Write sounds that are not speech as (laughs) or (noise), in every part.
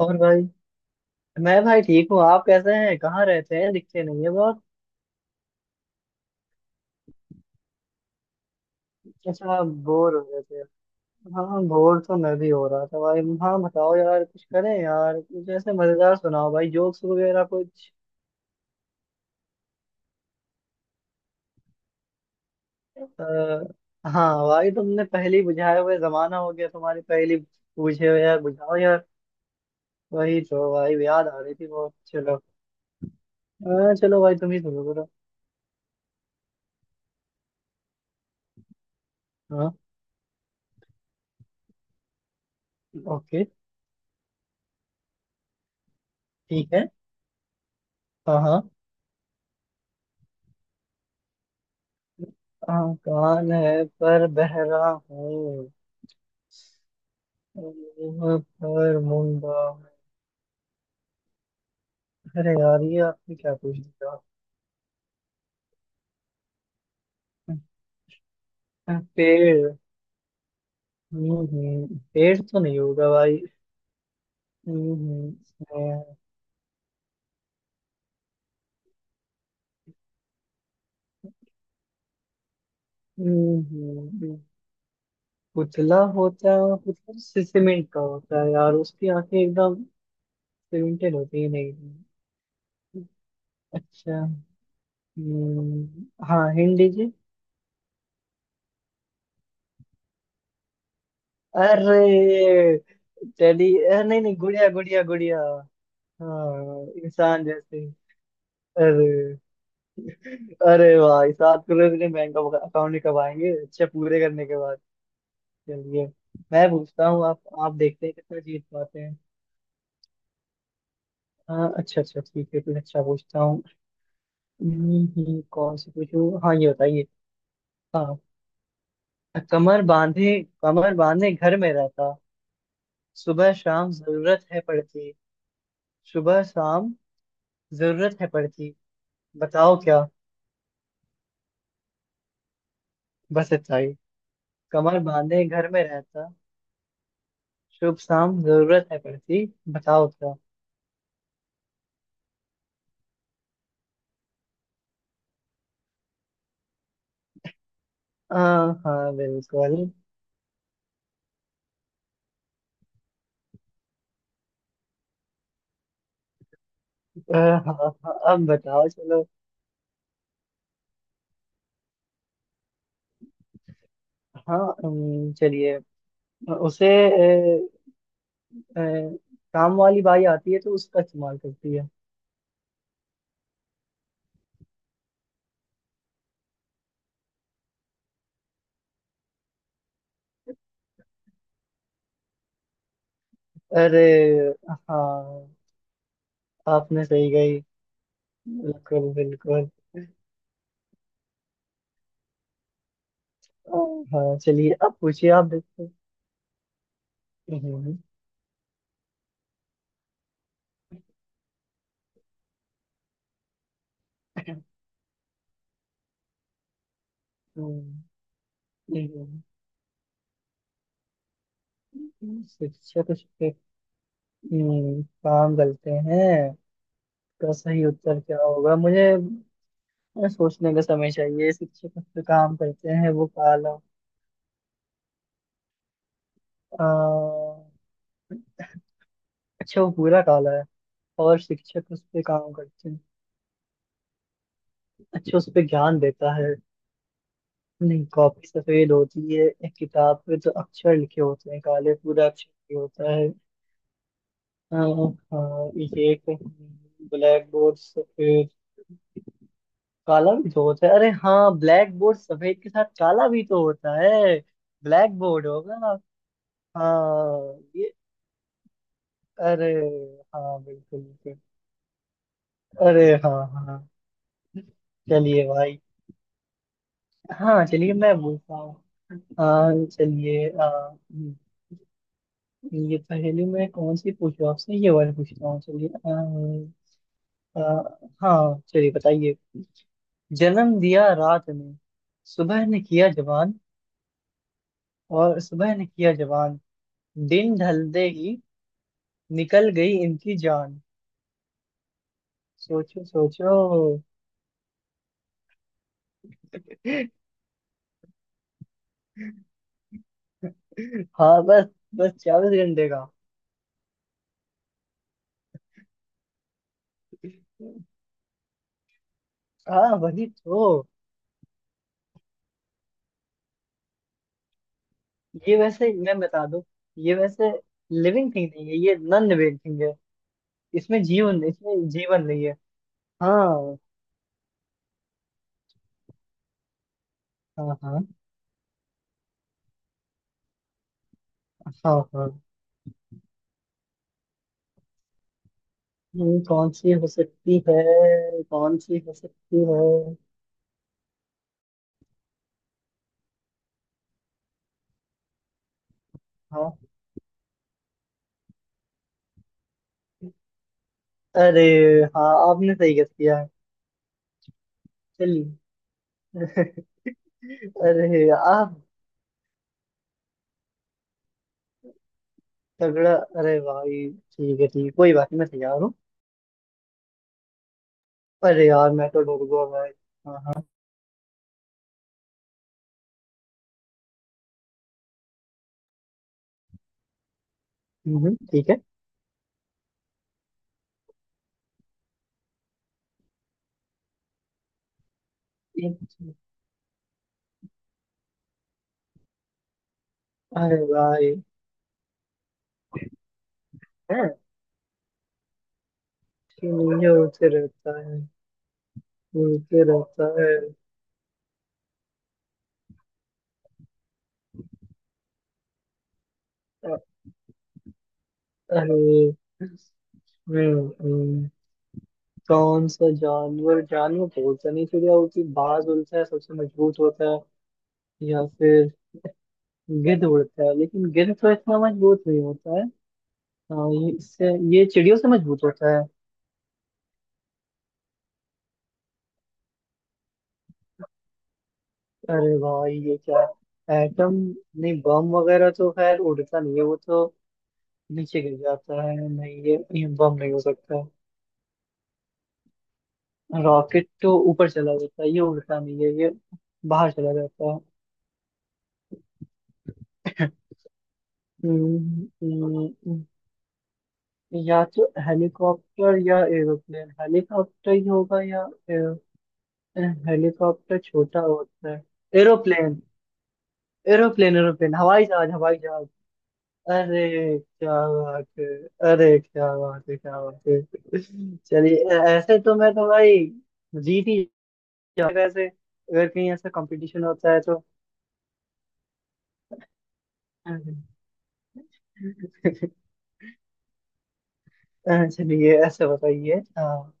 और भाई। मैं भाई ठीक हूँ। आप कैसे हैं? कहाँ रहते हैं? दिखते नहीं है बहुत। अच्छा, बोर हो गए थे? हाँ, बोर तो मैं भी हो रहा था भाई। हाँ बताओ यार, कुछ करें यार। कुछ ऐसे मजेदार सुनाओ भाई, जोक्स वगैरह कुछ। हाँ भाई, तुमने पहली बुझाए हुए जमाना हो गया, तुम्हारी पहली पूछे हुए यार, बुझाओ यार। वही तो भाई, याद आ रही थी बहुत। चलो। हाँ, चलो भाई, तुम ही सुनो करो। हाँ। ओके। ठीक है। हाँ हाँ। हाँ, कान है पर बहरा हूँ। पर मुंबा। अरे यार, ये आपने क्या पूछ दिया। पेड़। पेड़ तो नहीं होगा भाई। हम्म। हाँ। हम्म। पुतला होता है, और पुतला से सीमेंट का होता है यार, उसकी आंखें एकदम सीमेंटेड होती है, नहीं? अच्छा। हाँ, हिंट दीजिए। अरे। टेडी नहीं नहीं, गुड़िया गुड़िया गुड़िया। हाँ, इंसान जैसे। अरे। अरे भाई, सात करोड़ इतने बैंक अकाउंट में कब आएंगे? अच्छा, पूरे करने के बाद। चलिए। मैं पूछता हूँ, आप देखते हैं कितना जीत पाते हैं। हाँ, अच्छा अच्छा ठीक है, कुछ अच्छा पूछता हूँ। कौन से पूछूं? हाँ, ये बताइए। हाँ। कमर बांधे। कमर बांधे घर में रहता। सुबह शाम जरूरत है पड़ती। सुबह शाम। जरूरत है पड़ती। बताओ क्या? बस इतना ही। कमर बांधे घर में रहता। शुभ शाम जरूरत है पड़ती, बताओ क्या? हाँ हाँ, बिल्कुल। हाँ हाँ, अब बताओ चलो। हाँ। चलिए। उसे। अ, काम वाली बाई आती है तो उसका इस्तेमाल करती है। अरे। हाँ। आपने सही गई। बिल्कुल बिल्कुल। अ, हाँ चलिए, अब पूछिए आप देखो। हम्म। हम्म, शिक्षक उस पे, काम करते हैं। तो सही उत्तर क्या होगा मुझे? हमें सोचने का समय चाहिए। शिक्षक जो काम करते हैं वो काला। अ, अच्छा, वो पूरा काला है, और शिक्षक उस पे काम करते हैं। अच्छा, उस पे ज्ञान देता है। नहीं, कॉपी सफेद होती है, एक किताब पे तो अक्षर लिखे होते हैं काले, पूरा अक्षर लिखे होता है। हाँ। हाँ, ये एक ब्लैक बोर्ड सफेद काला भी तो होता है। अरे हाँ, ब्लैक बोर्ड सफेद के साथ काला भी तो होता है। ब्लैक बोर्ड होगा। हाँ ये। अरे। हाँ, बिल्कुल बिल्कुल। अरे हाँ हाँ। चलिए भाई। हाँ चलिए, मैं पूछता हूँ। हाँ चलिए। ये पहेली में कौन सी पूछूँ आपसे? ये वाली पूछता हूँ, चलिए। आ, आ, हाँ चलिए, बताइए। जन्म दिया रात ने, सुबह ने किया जवान। और सुबह ने किया जवान। दिन ढलते ही निकल गई इनकी जान। सोचो सोचो। हाँ बस। बस 24 घंटे का। हाँ वही तो। ये वैसे मैं बता दूं। ये वैसे लिविंग थिंग नहीं है, ये नॉन लिविंग थिंग है। इसमें जीवन, इसमें जीवन नहीं है। हाँ हाँ। हाँ हाँ। हाँ। कौन सी हो सकती है, कौन सी हो सकती है। हाँ। अरे। हाँ, आपने सही गेस किया है। चलिए। (laughs) अरे आप। तगड़ा। अरे भाई ठीक है ठीक है, कोई बात नहीं, मैं तैयार हूँ। अरे यार, मैं तो डर गया भाई। हाँ हाँ। ठीक है। एक- अरे भाई। है कि नहीं, उसे रहता है। उसे रहता है। अ- अरे। हम्म, हम्म, कौन सा जानवर, जानवर तो बोलता नहीं, चिड़िया होती, बाज उड़ता है सबसे मजबूत होता है। या फिर गिद्ध उड़ता है लेकिन गिद्ध तो इतना मजबूत नहीं होता है। हाँ, ये इससे ये चिड़ियों से मजबूत होता है। अरे भाई, ये क्या? एटम। नहीं, बम वगैरह तो खैर उड़ता नहीं है वो तो नीचे गिर जाता है, नहीं, ये बम नहीं हो सकता। रॉकेट तो ऊपर चला जाता है, ये उड़ता नहीं है ये बाहर चला जाता है। हम्म, हम्म, या तो हेलीकॉप्टर या एरोप्लेन, हेलीकॉप्टर ही होगा या हेलीकॉप्टर छोटा होता है। एरोप्लेन। एरोप्लेन एरोप्लेन, हवाई जहाज हवाई जहाज। अरे क्या बात है! अरे क्या बात है, क्या बात है! चलिए, ऐसे तो मैं तो भाई जीत ही जाऊंगा, ऐसे अगर कहीं ऐसा कंपटीशन होता है तो। चलिए ऐसे बताइए। अ,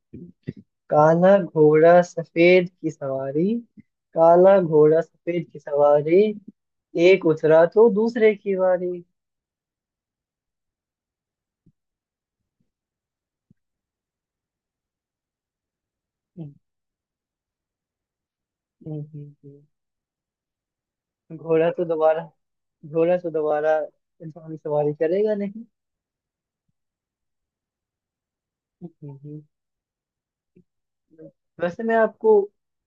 काला घोड़ा सफेद की सवारी। काला घोड़ा सफेद की सवारी, एक उतरा तो दूसरे की बारी। हम्म, हम्म, हम्म, हम्म। घोड़ा तो दोबारा, घोड़ा तो दोबारा इंसान की सवारी करेगा नहीं। हम्म, हम्म, हम्म। वैसे मैं आपको,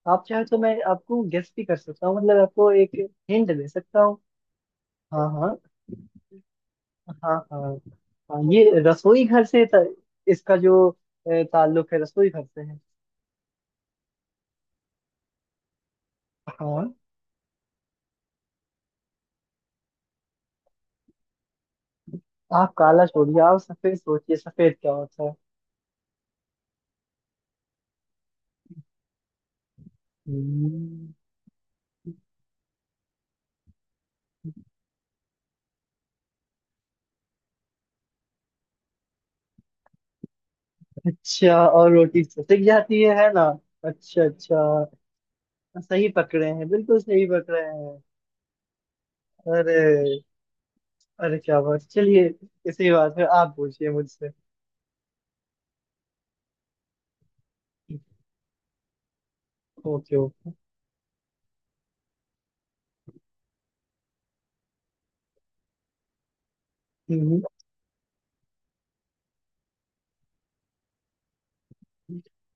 आप चाहे तो मैं आपको गेस भी कर सकता हूँ, मतलब आपको एक हिंट दे सकता हूँ। हाँ हाँ। हाँ हाँ। हाँ, ये रसोई घर से इसका जो ताल्लुक है रसोई घर से है। हाँ, आप काला छोड़िए, आप सफेद सोचिए, सफेद क्या होता है? हम्म। अच्छा, और रोटी से सिक जाती है ना? अच्छा अच्छा, सही पकड़े हैं बिल्कुल सही पकड़े हैं। अरे। अरे क्या बात, चलिए। इसी बात पे आप पूछिए मुझसे। Okay okay. हम्म।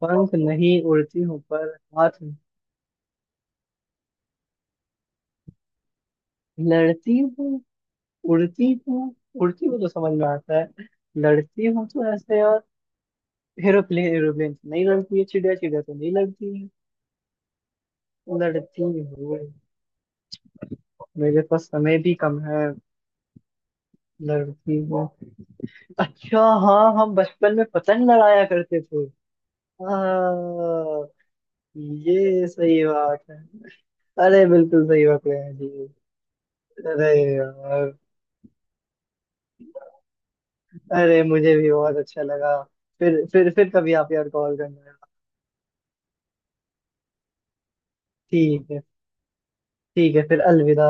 पंख नहीं उड़ती हूँ पर, हाथ में लड़ती हूँ। उड़ती हूँ। उड़ती हूँ तो समझ में आता है, लड़ती हूँ तो ऐसे यार, एरोप्लेन एरोप्लेन तो नहीं लड़ती है, चिड़िया चिड़िया तो नहीं लड़ती है। लड़ती हूँ। मेरे पास समय भी कम है। लड़ती हूँ। अच्छा। हाँ, हम बचपन में पतंग लड़ाया करते थे। हाँ। ये सही बात है। अरे बिल्कुल सही बात है जी। अरे यार। अरे, मुझे भी बहुत अच्छा लगा। फिर कभी आप यार कॉल करना। ठीक है। ठीक है फिर, अलविदा।